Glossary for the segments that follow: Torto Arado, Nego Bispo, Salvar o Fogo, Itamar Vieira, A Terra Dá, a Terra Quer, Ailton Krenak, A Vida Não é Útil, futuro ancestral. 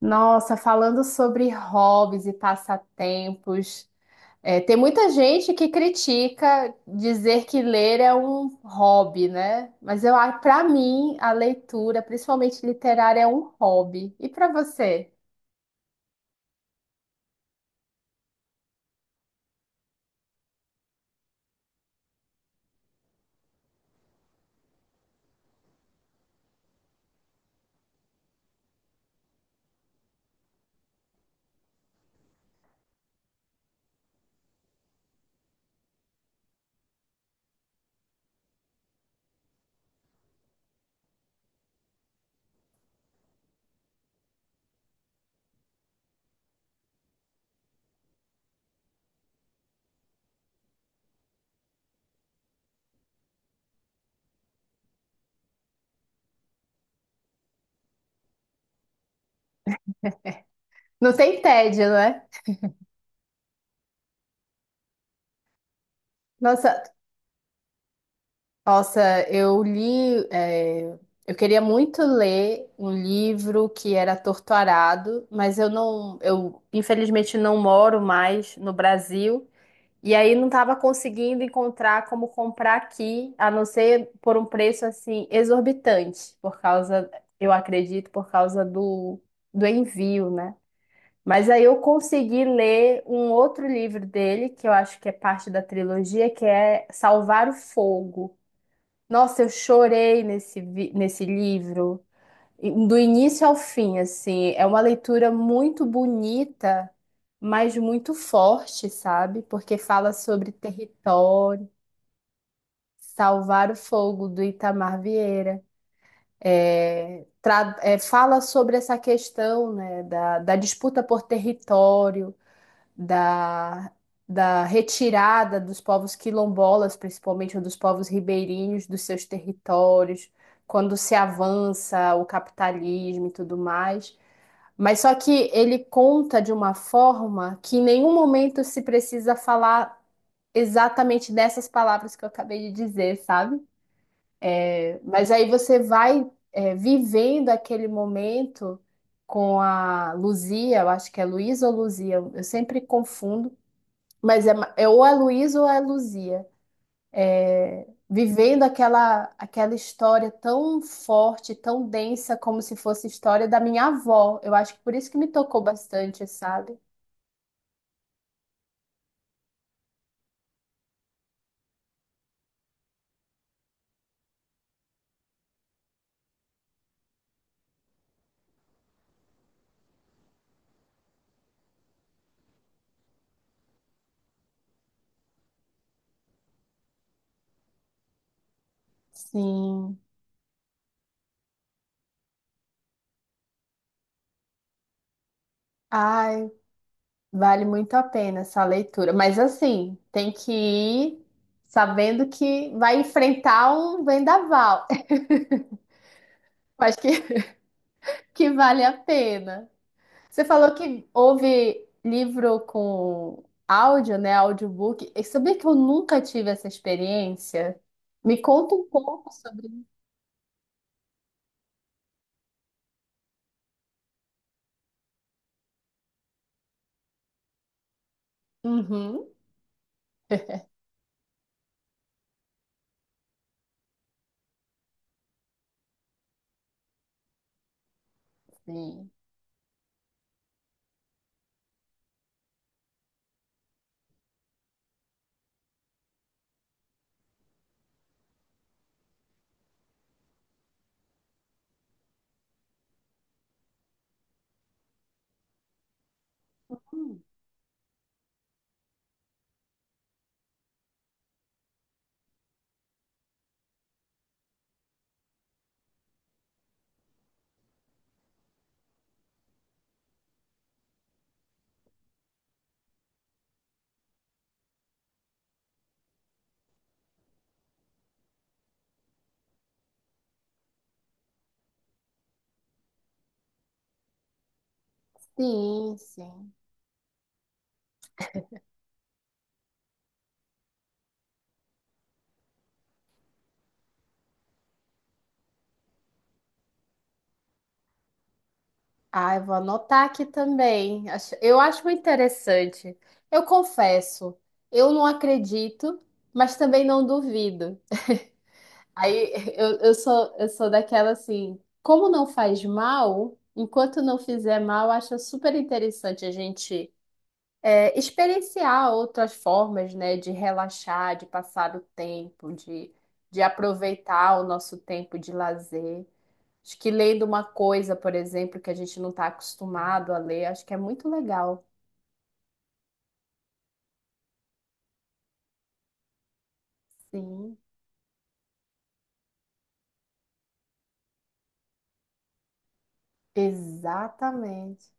Nossa, falando sobre hobbies e passatempos, tem muita gente que critica dizer que ler é um hobby, né? Para mim, a leitura, principalmente literária, é um hobby. E para você? Não tem tédio, né? Nossa, nossa, eu li, eu queria muito ler um livro que era Torto Arado, eu infelizmente não moro mais no Brasil. E aí não estava conseguindo encontrar como comprar aqui, a não ser por um preço assim exorbitante, eu acredito, por causa do envio, né? Mas aí eu consegui ler um outro livro dele, que eu acho que é parte da trilogia, que é Salvar o Fogo. Nossa, eu chorei nesse livro do início ao fim, assim, é uma leitura muito bonita, mas muito forte, sabe? Porque fala sobre território, salvar o fogo do Itamar Vieira. Fala sobre essa questão, né, da disputa por território, da, da retirada dos povos quilombolas, principalmente, ou dos povos ribeirinhos dos seus territórios, quando se avança o capitalismo e tudo mais. Mas só que ele conta de uma forma que em nenhum momento se precisa falar exatamente dessas palavras que eu acabei de dizer, sabe? Mas aí você vai, vivendo aquele momento com a Luzia, eu acho que é Luísa ou Luzia, eu sempre confundo, mas é ou a Luísa ou é a Luzia. Vivendo aquela história tão forte, tão densa, como se fosse história da minha avó. Eu acho que por isso que me tocou bastante, sabe? Sim. Ai, vale muito a pena essa leitura. Mas assim, tem que ir sabendo que vai enfrentar um vendaval. Eu acho que vale a pena. Você falou que houve livro com áudio, né? Audiobook. E sabia que eu nunca tive essa experiência? Me conta um pouco sobre. Uhum, sim. Hum, sim, sim. Ah, eu vou anotar aqui também. Eu acho muito interessante. Eu confesso, eu não acredito, mas também não duvido. Aí eu sou daquela assim, como não faz mal, enquanto não fizer mal, acho super interessante a gente experienciar outras formas, né, de relaxar, de passar o tempo, de aproveitar o nosso tempo de lazer. Acho que lendo uma coisa, por exemplo, que a gente não está acostumado a ler, acho que é muito legal. Sim, exatamente.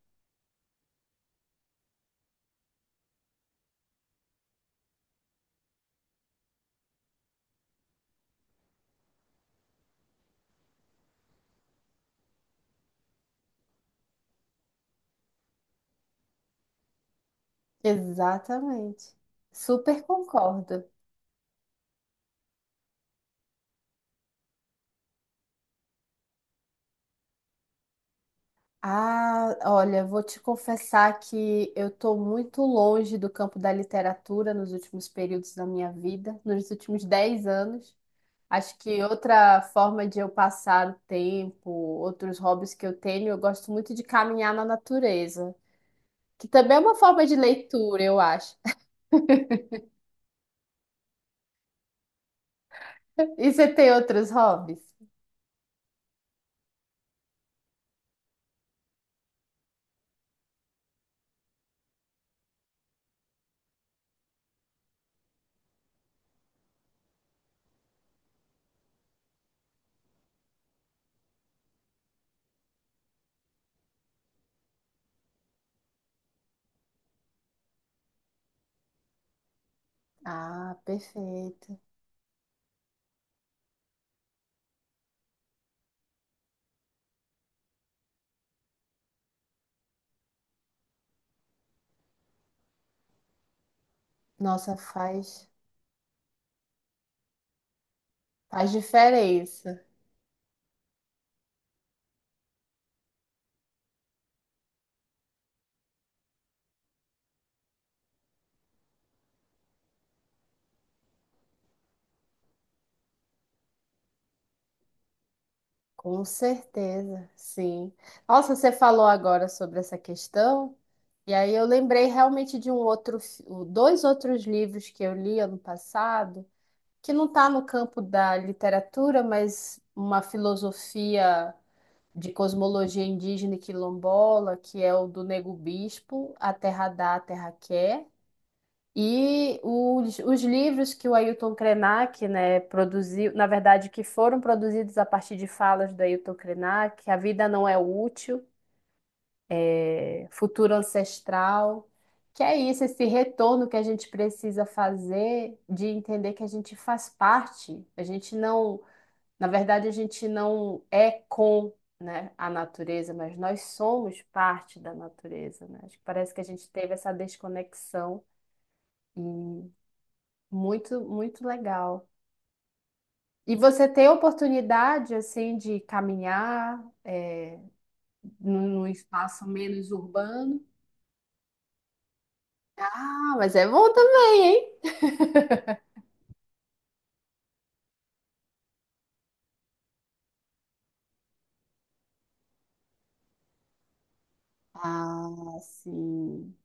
Exatamente. Super concordo. Ah, olha, vou te confessar que eu estou muito longe do campo da literatura nos últimos períodos da minha vida, nos últimos 10 anos. Acho que outra forma de eu passar o tempo, outros hobbies que eu tenho, eu gosto muito de caminhar na natureza, que também é uma forma de leitura, eu acho. E você tem outros hobbies? Ah, perfeito. Nossa, faz diferença. Com certeza, sim. Nossa, você falou agora sobre essa questão, e aí eu lembrei realmente de dois outros livros que eu li ano passado, que não está no campo da literatura, mas uma filosofia de cosmologia indígena e quilombola, que é o do Nego Bispo, A Terra Dá, a Terra Quer. E os livros que o Ailton Krenak, né, produziu, na verdade, que foram produzidos a partir de falas do Ailton Krenak, A Vida Não é Útil, é, futuro ancestral, que é isso, esse retorno que a gente precisa fazer de entender que a gente faz parte, a gente não, na verdade, a gente não é com, né, a natureza, mas nós somos parte da natureza, né? Acho que parece que a gente teve essa desconexão e muito, muito legal. E você tem a oportunidade, assim, de caminhar, é, num espaço menos urbano? Ah, mas é bom também, hein? Ah, sim.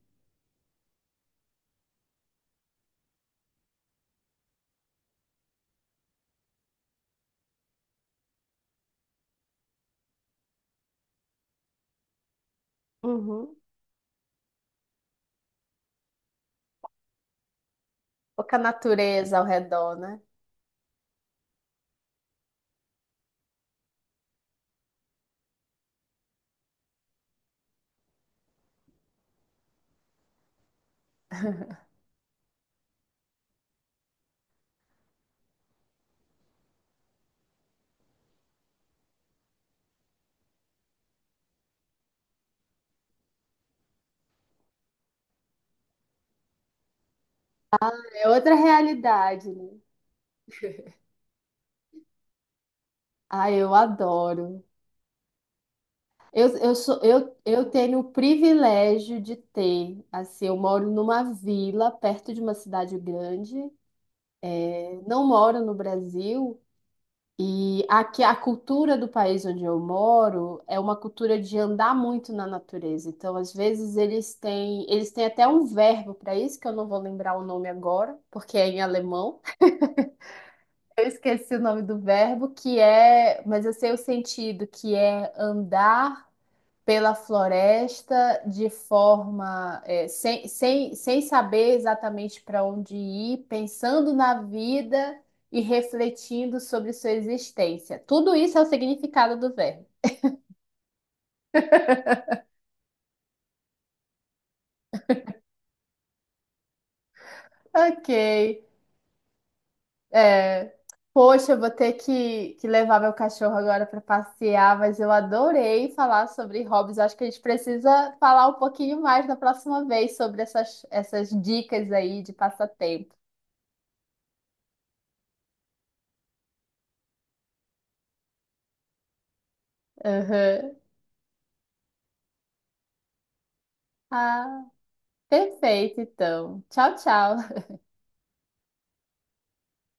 Uhum. Pouca natureza ao redor, né? É outra realidade, né? Ah, eu adoro. Eu tenho o privilégio de ter, assim, eu moro numa vila perto de uma cidade grande. Eu não moro no Brasil, e aqui a cultura do país onde eu moro é uma cultura de andar muito na natureza. Então, às vezes, eles têm até um verbo para isso, que eu não vou lembrar o nome agora, porque é em alemão. Eu esqueci o nome do verbo, que é, mas eu sei o sentido, que é andar pela floresta de forma, é, sem saber exatamente para onde ir, pensando na vida e refletindo sobre sua existência. Tudo isso é o significado do verbo. Ok. É, poxa, eu vou ter que levar meu cachorro agora para passear, mas eu adorei falar sobre hobbies. Acho que a gente precisa falar um pouquinho mais na próxima vez sobre essas dicas aí de passatempo. Aham. Ah, perfeito, então. Tchau, tchau.